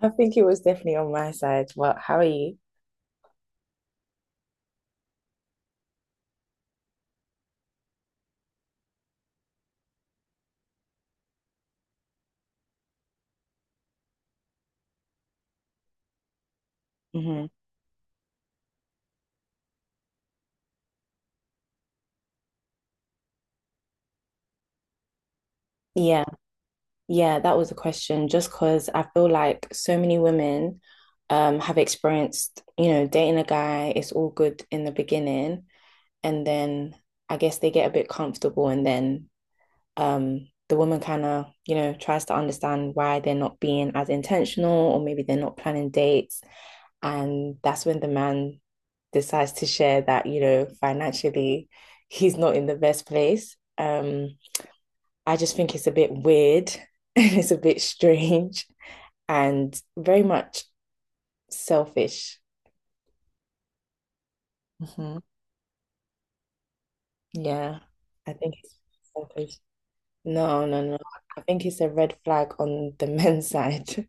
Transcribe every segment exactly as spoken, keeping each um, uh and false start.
I think it was definitely on my side. Well, how are you? Hmm. Yeah, yeah, that was a question. Just because I feel like so many women um have experienced, you know, dating a guy, it's all good in the beginning, and then I guess they get a bit comfortable, and then um the woman kind of you know tries to understand why they're not being as intentional or maybe they're not planning dates, and that's when the man decides to share that you know financially he's not in the best place um I just think it's a bit weird and it's a bit strange and very much selfish. Hmm. Yeah, I think it's selfish. No, no, no, I think it's a red flag on the men's side.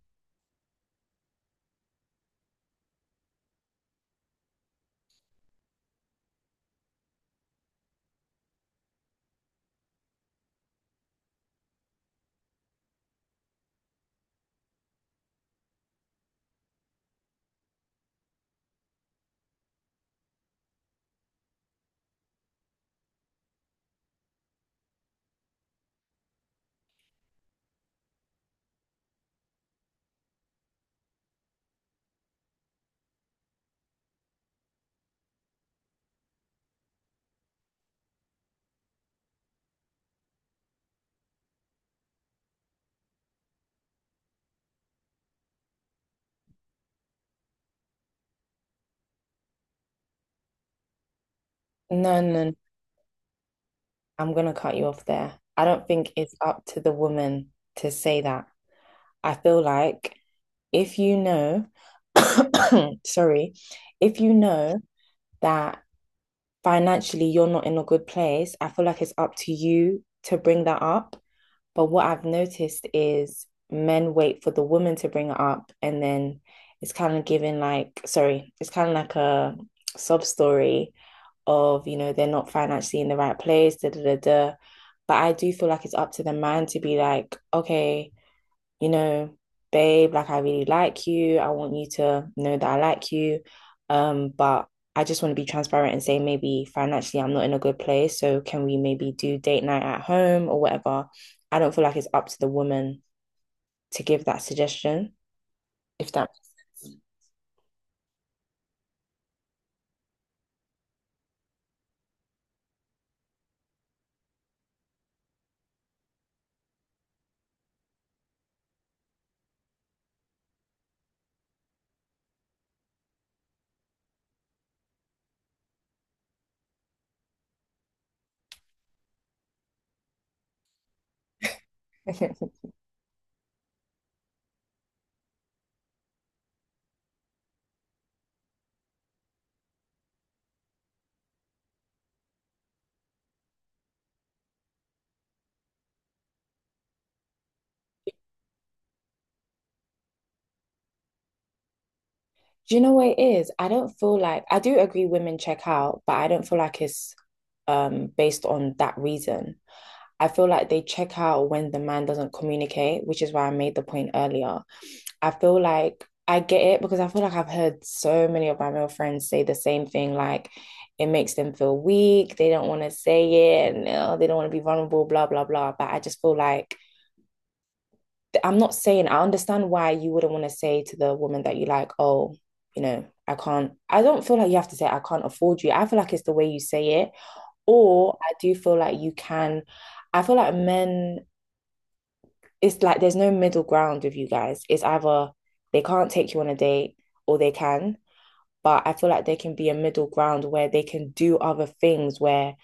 No, no, I'm gonna cut you off there. I don't think it's up to the woman to say that. I feel like if you know, sorry, if you know that financially you're not in a good place, I feel like it's up to you to bring that up. But what I've noticed is men wait for the woman to bring it up, and then it's kind of given like, sorry, it's kind of like a sob story of, you know, they're not financially in the right place, da da da da. But I do feel like it's up to the man to be like, okay, you know, babe, like I really like you. I want you to know that I like you. Um, but I just want to be transparent and say maybe financially I'm not in a good place. So can we maybe do date night at home or whatever? I don't feel like it's up to the woman to give that suggestion, if that makes sense. Do you know what it is? I don't feel like — I do agree women check out, but I don't feel like it's um based on that reason. I feel like they check out when the man doesn't communicate, which is why I made the point earlier. I feel like I get it because I feel like I've heard so many of my male friends say the same thing, like it makes them feel weak, they don't want to say it, and uh, they don't want to be vulnerable, blah, blah, blah. But I just feel like — I'm not saying I understand why you wouldn't want to say to the woman that you like, oh, you know, I can't. I don't feel like you have to say I can't afford you. I feel like it's the way you say it, or I do feel like you can. I feel like men. It's like there's no middle ground with you guys. It's either they can't take you on a date or they can, but I feel like there can be a middle ground where they can do other things where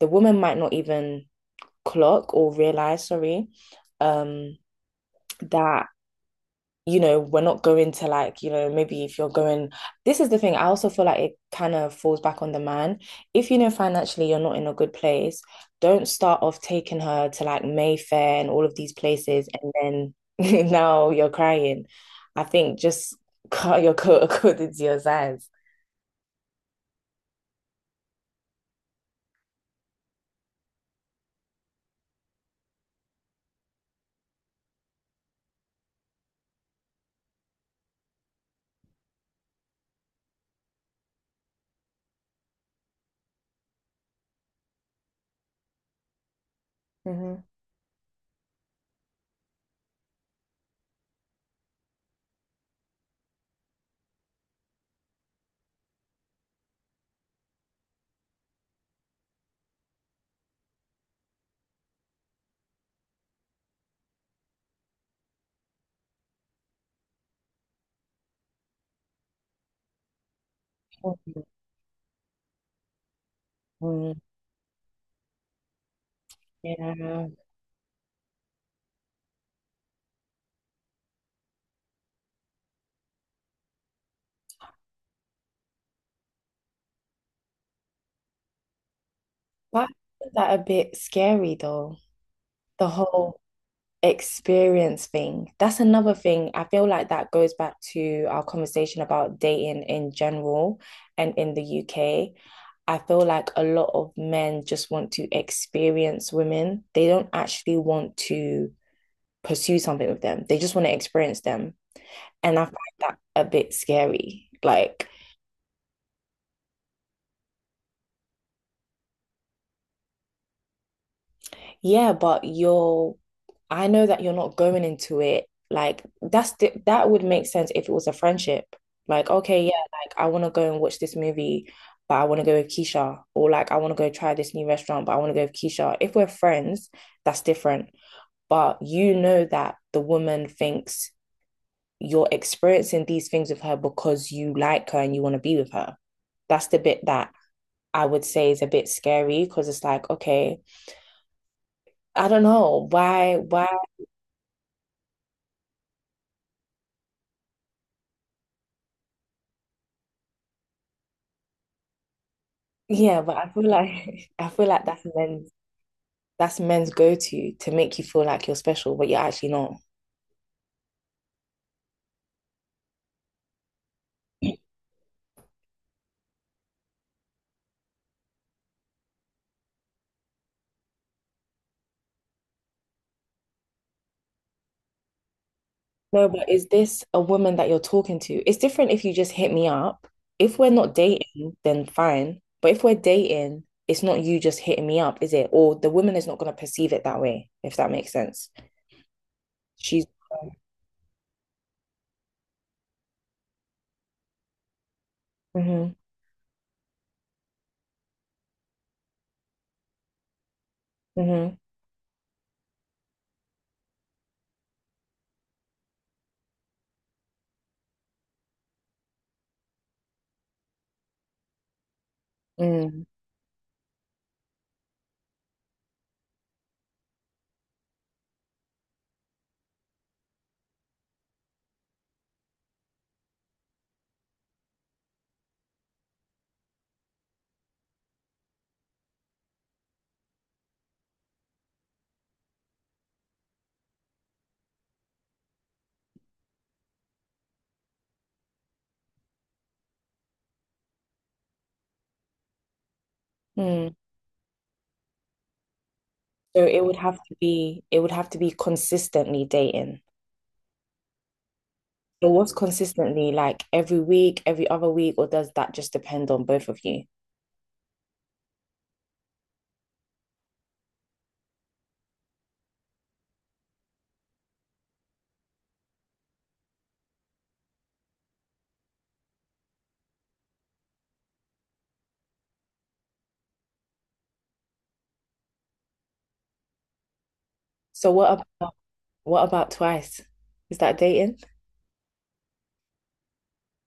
the woman might not even clock or realize, sorry, um, that you know, we're not going to like, you know, maybe if you're going, this is the thing. I also feel like it kind of falls back on the man. If you know financially you're not in a good place, don't start off taking her to like Mayfair and all of these places and then now you're crying. I think just cut your coat according to your size. Hmm. Yeah. But I find that a bit scary though. The whole experience thing. That's another thing. I feel like that goes back to our conversation about dating in general and in the U K. I feel like a lot of men just want to experience women. They don't actually want to pursue something with them. They just want to experience them. And I find that a bit scary. Like, yeah, but you're, I know that you're not going into it. Like that's the, that would make sense if it was a friendship. Like, okay, yeah, like I want to go and watch this movie, but I want to go with Keisha, or like I want to go try this new restaurant, but I want to go with Keisha. If we're friends, that's different. But you know that the woman thinks you're experiencing these things with her because you like her and you want to be with her. That's the bit that I would say is a bit scary because it's like, okay, I don't know why, why. Yeah, but I feel like I feel like that's men's that's men's go-to to make you feel like you're special, but you're actually not. No, but is this a woman that you're talking to? It's different if you just hit me up. If we're not dating, then fine. But if we're dating, it's not you just hitting me up, is it? Or the woman is not going to perceive it that way, if that makes sense. She's — hmm. Hmm. Mm, mm. So it would have to be it would have to be consistently dating. But what's consistently — like every week, every other week, or does that just depend on both of you? So what about what about twice? Is that dating?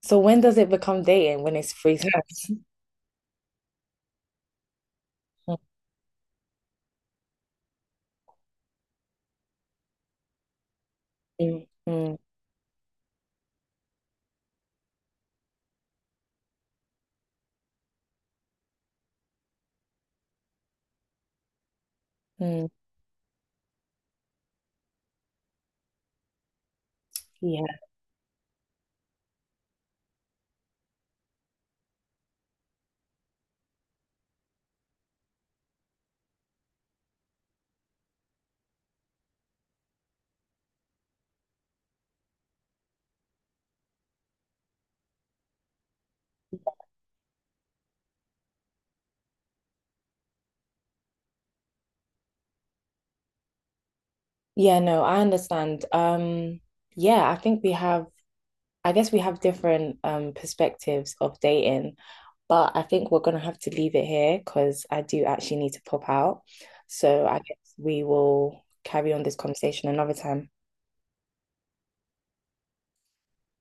So when does it become dating? When it's free time? Mm, mm, mm. Mm. Yeah. Yeah, no, I understand. Um, yeah, I think we have I guess we have different um perspectives of dating, but I think we're gonna have to leave it here because I do actually need to pop out. So I guess we will carry on this conversation another time.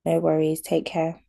No worries. Take care.